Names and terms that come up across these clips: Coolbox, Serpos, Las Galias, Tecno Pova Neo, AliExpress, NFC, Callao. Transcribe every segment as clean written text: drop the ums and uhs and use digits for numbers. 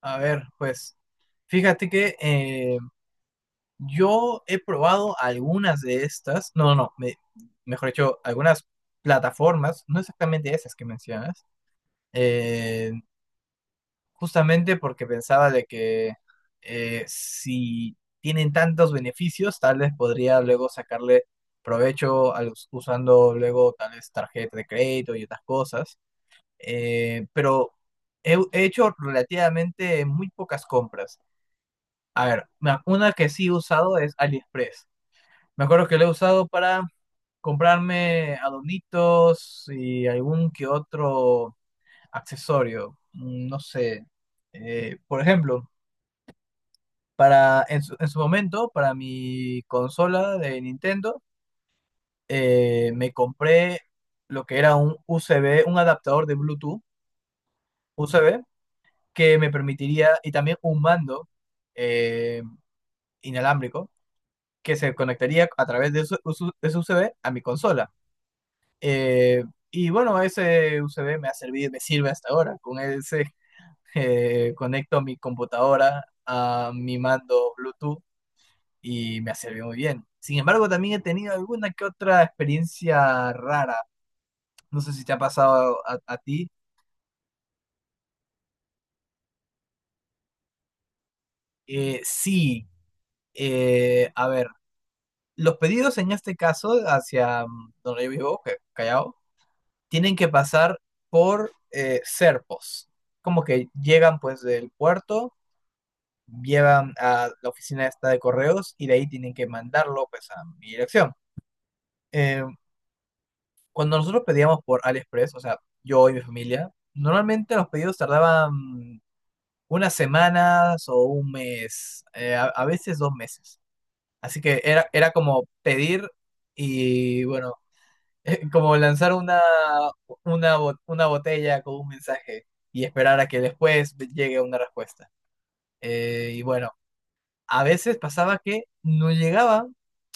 A ver, pues fíjate que yo he probado algunas de estas, no, no, no, me- mejor dicho, algunas plataformas, no exactamente esas que mencionas. eh, Justamente porque pensaba de que si tienen tantos beneficios, tal vez podría luego sacarle provecho usando luego tal vez tarjeta de crédito y otras cosas. Pero he hecho relativamente muy pocas compras. A ver, una que sí he usado es AliExpress. Me acuerdo que lo he usado para comprarme adornitos y algún que otro accesorio. No sé. Por ejemplo, para en su momento, para mi consola de Nintendo, me compré lo que era un USB, un adaptador de Bluetooth USB, que me permitiría, y también un mando eh, inalámbrico que se conectaría a través de, de su USB a mi consola. Eh, y bueno, ese USB me ha servido, me sirve hasta ahora. Con ese conecto mi computadora a mi mando Bluetooth y me ha servido muy bien. Sin embargo, también he tenido alguna que otra experiencia rara. No sé si te ha pasado a ti. Sí, a ver, los pedidos en este caso hacia donde yo vivo, Callao, tienen que pasar por Serpos. Como que llegan pues del puerto, llevan a la oficina esta de correos y de ahí tienen que mandarlo pues a mi dirección. Eh, Cuando nosotros pedíamos por AliExpress, o sea, yo y mi familia, normalmente los pedidos tardaban unas semanas o un mes, veces dos meses. Así que era como pedir y bueno, como lanzar una botella con un mensaje y esperar a que después llegue una respuesta. Y bueno, a veces pasaba que no llegaba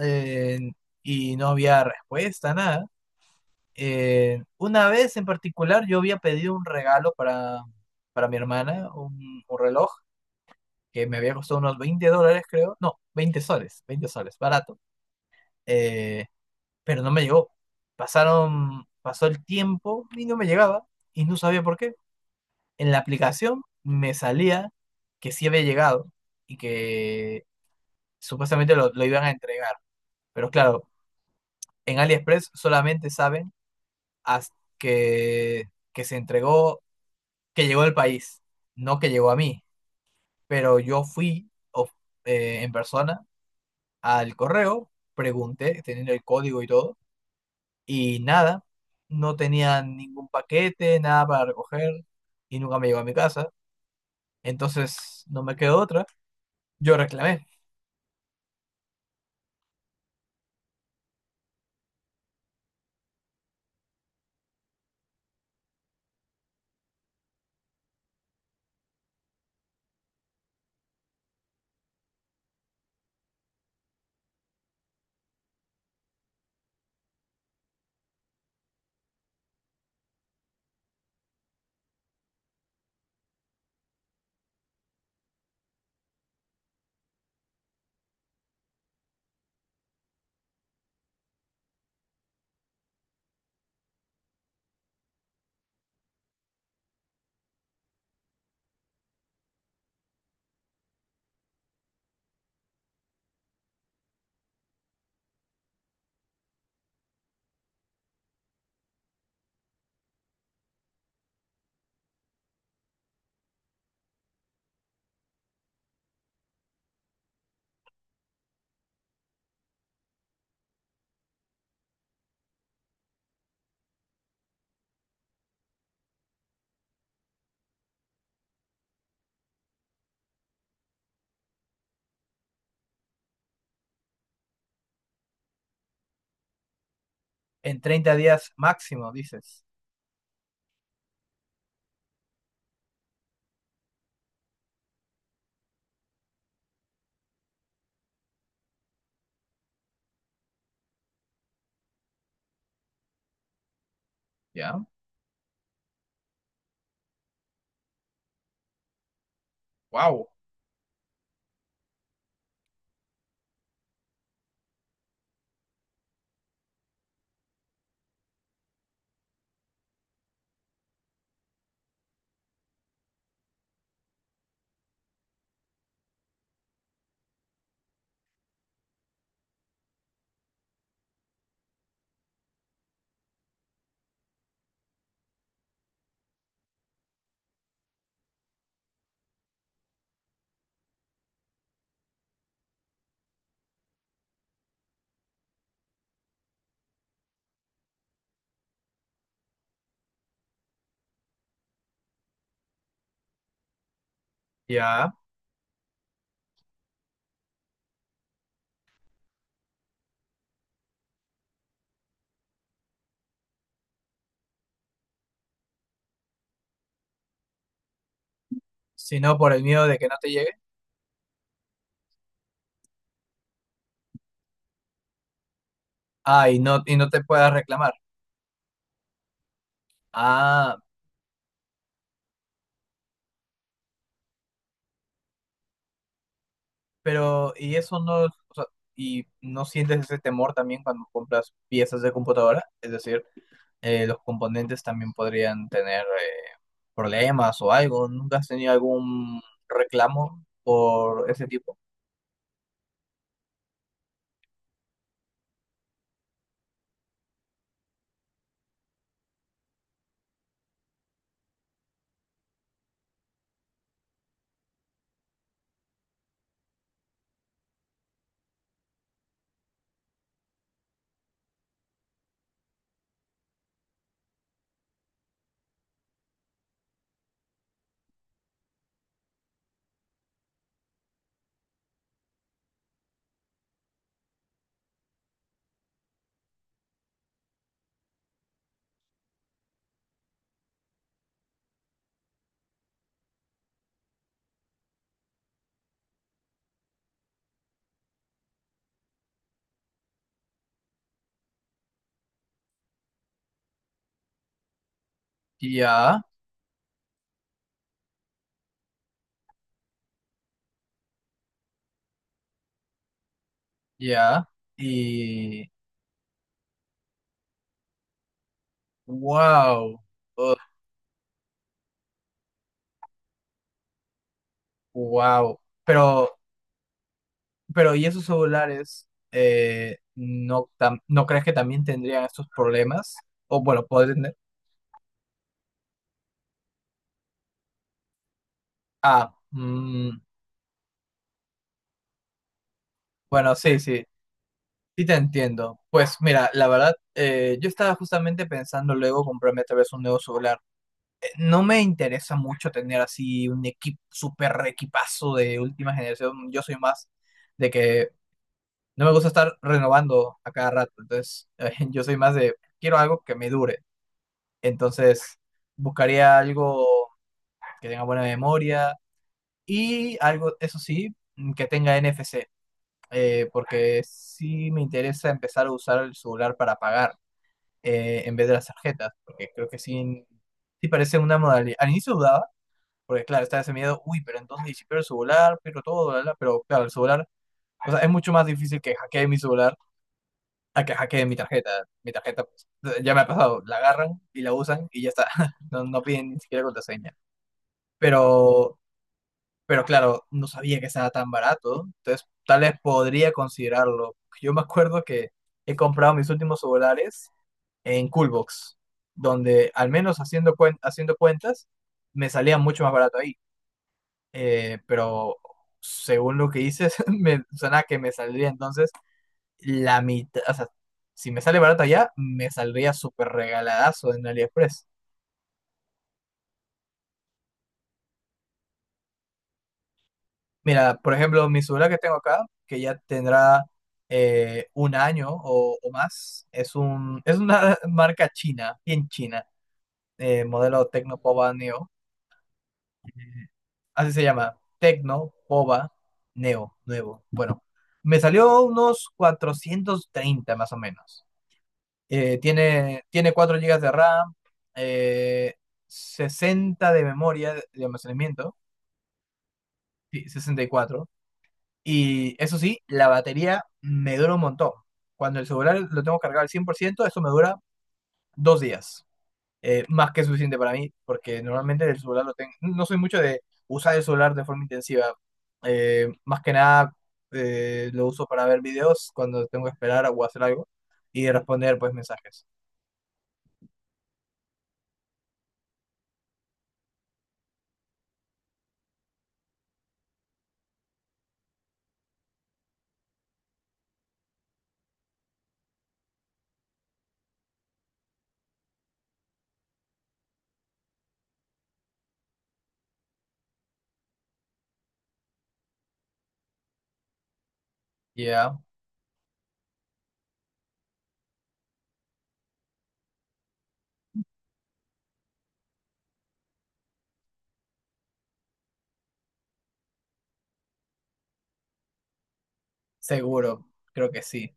eh, y no había respuesta, nada. Una vez en particular yo había pedido un regalo para mi hermana, un reloj que me había costado unos 20 dólares, creo. No, 20 soles, 20 soles, barato. Eh, pero no me llegó. Pasó el tiempo y no me llegaba y no sabía por qué. En la aplicación me salía que sí había llegado y que supuestamente lo iban a entregar. Pero claro, en AliExpress solamente saben hasta que se entregó, que llegó al país, no que llegó a mí. Pero yo fui en persona al correo, pregunté, teniendo el código y todo, y nada, no tenía ningún paquete, nada para recoger y nunca me llegó a mi casa. Entonces no me quedó otra. Yo reclamé. ¿En 30 días máximo, dices? Ya. Wow. Ya. Si no, por el miedo de que no te llegue. Ah, y no te puedas reclamar. Ah, pero, y eso no, o sea, ¿y no sientes ese temor también cuando compras piezas de computadora? Es decir, los componentes también podrían tener problemas o algo. ¿Nunca has tenido algún reclamo por ese tipo? Ya, ya. Y wow, wow. Pero, pero ¿y esos celulares no crees que también tendrían estos problemas? O bueno, podrían tener. Ah, bueno, sí, sí. Sí te entiendo. Pues mira, la verdad, yo estaba justamente pensando luego comprarme tal vez un nuevo celular. No me interesa mucho tener así un equipo super equipazo de última generación. Yo soy más de que no me gusta estar renovando a cada rato. Entonces, yo soy más de quiero algo que me dure. Entonces, buscaría algo que tenga buena memoria y algo, eso sí, que tenga NFC. Porque sí me interesa empezar a usar el celular para pagar en vez de las tarjetas. Porque creo que sí, sí parece una modalidad. Al inicio dudaba, porque claro, está ese miedo, uy, pero entonces y si pierdo el celular, pierdo todo, bla, bla, pero claro, el celular, o sea, es mucho más difícil que hackee mi celular a que hackeen mi tarjeta. Mi tarjeta, pues, ya me ha pasado, la agarran y la usan y ya está. No, no piden ni siquiera contraseña. Pero, pero claro, no sabía que estaba tan barato, entonces tal vez podría considerarlo. Yo me acuerdo que he comprado mis últimos celulares en Coolbox, donde al menos haciendo cuentas me salía mucho más barato ahí. Pero según lo que dices, me suena que me saldría entonces la mitad, o sea, si me sale barato allá, me saldría súper regaladazo en AliExpress. Mira, por ejemplo, mi celular que tengo acá, que ya tendrá un año o más, es una marca china, bien china, modelo Tecnopova Neo, así se llama, Tecno Pova Neo, nuevo. Bueno, me salió unos 430 más o menos. Tiene 4 gigas de RAM, eh, 60 de memoria de almacenamiento, sí, 64. Y cuatro. Y eso sí, la batería me dura un montón. Cuando el celular lo tengo cargado al 100% eso me dura 2 días. Más que suficiente para mí, porque normalmente el celular lo tengo. No soy mucho de usar el celular de forma intensiva. Más que nada lo uso para ver videos cuando tengo que esperar o hacer algo y responder pues mensajes. Ya. Seguro, creo que sí.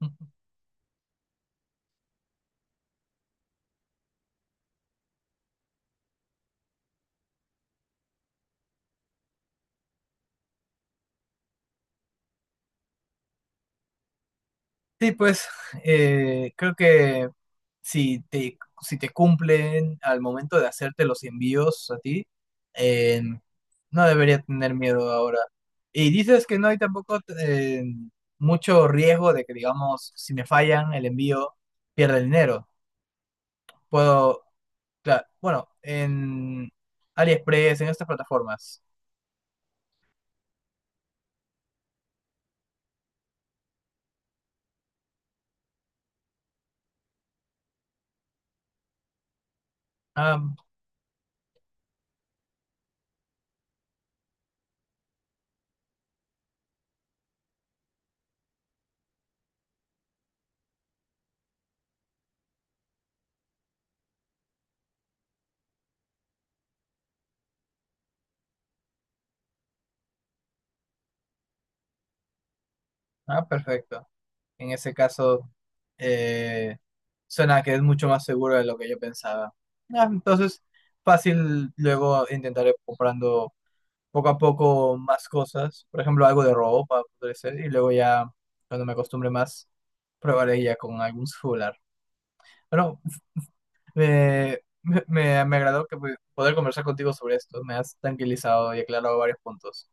Sí, pues creo que si te, si te cumplen al momento de hacerte los envíos a ti, eh, no debería tener miedo ahora. Y dices que no hay tampoco mucho riesgo de que, digamos, si me fallan el envío, pierda el dinero. Puedo, claro, bueno, en AliExpress, en estas plataformas. Ah, ah, perfecto. En ese caso, eh, suena que es mucho más seguro de lo que yo pensaba. Ah, entonces, fácil luego intentaré comprando poco a poco más cosas. Por ejemplo, algo de ropa, podría ser. Y luego ya, cuando me acostumbre más, probaré ya con algún celular. Bueno, me agradó que poder conversar contigo sobre esto. Me has tranquilizado y aclarado varios puntos.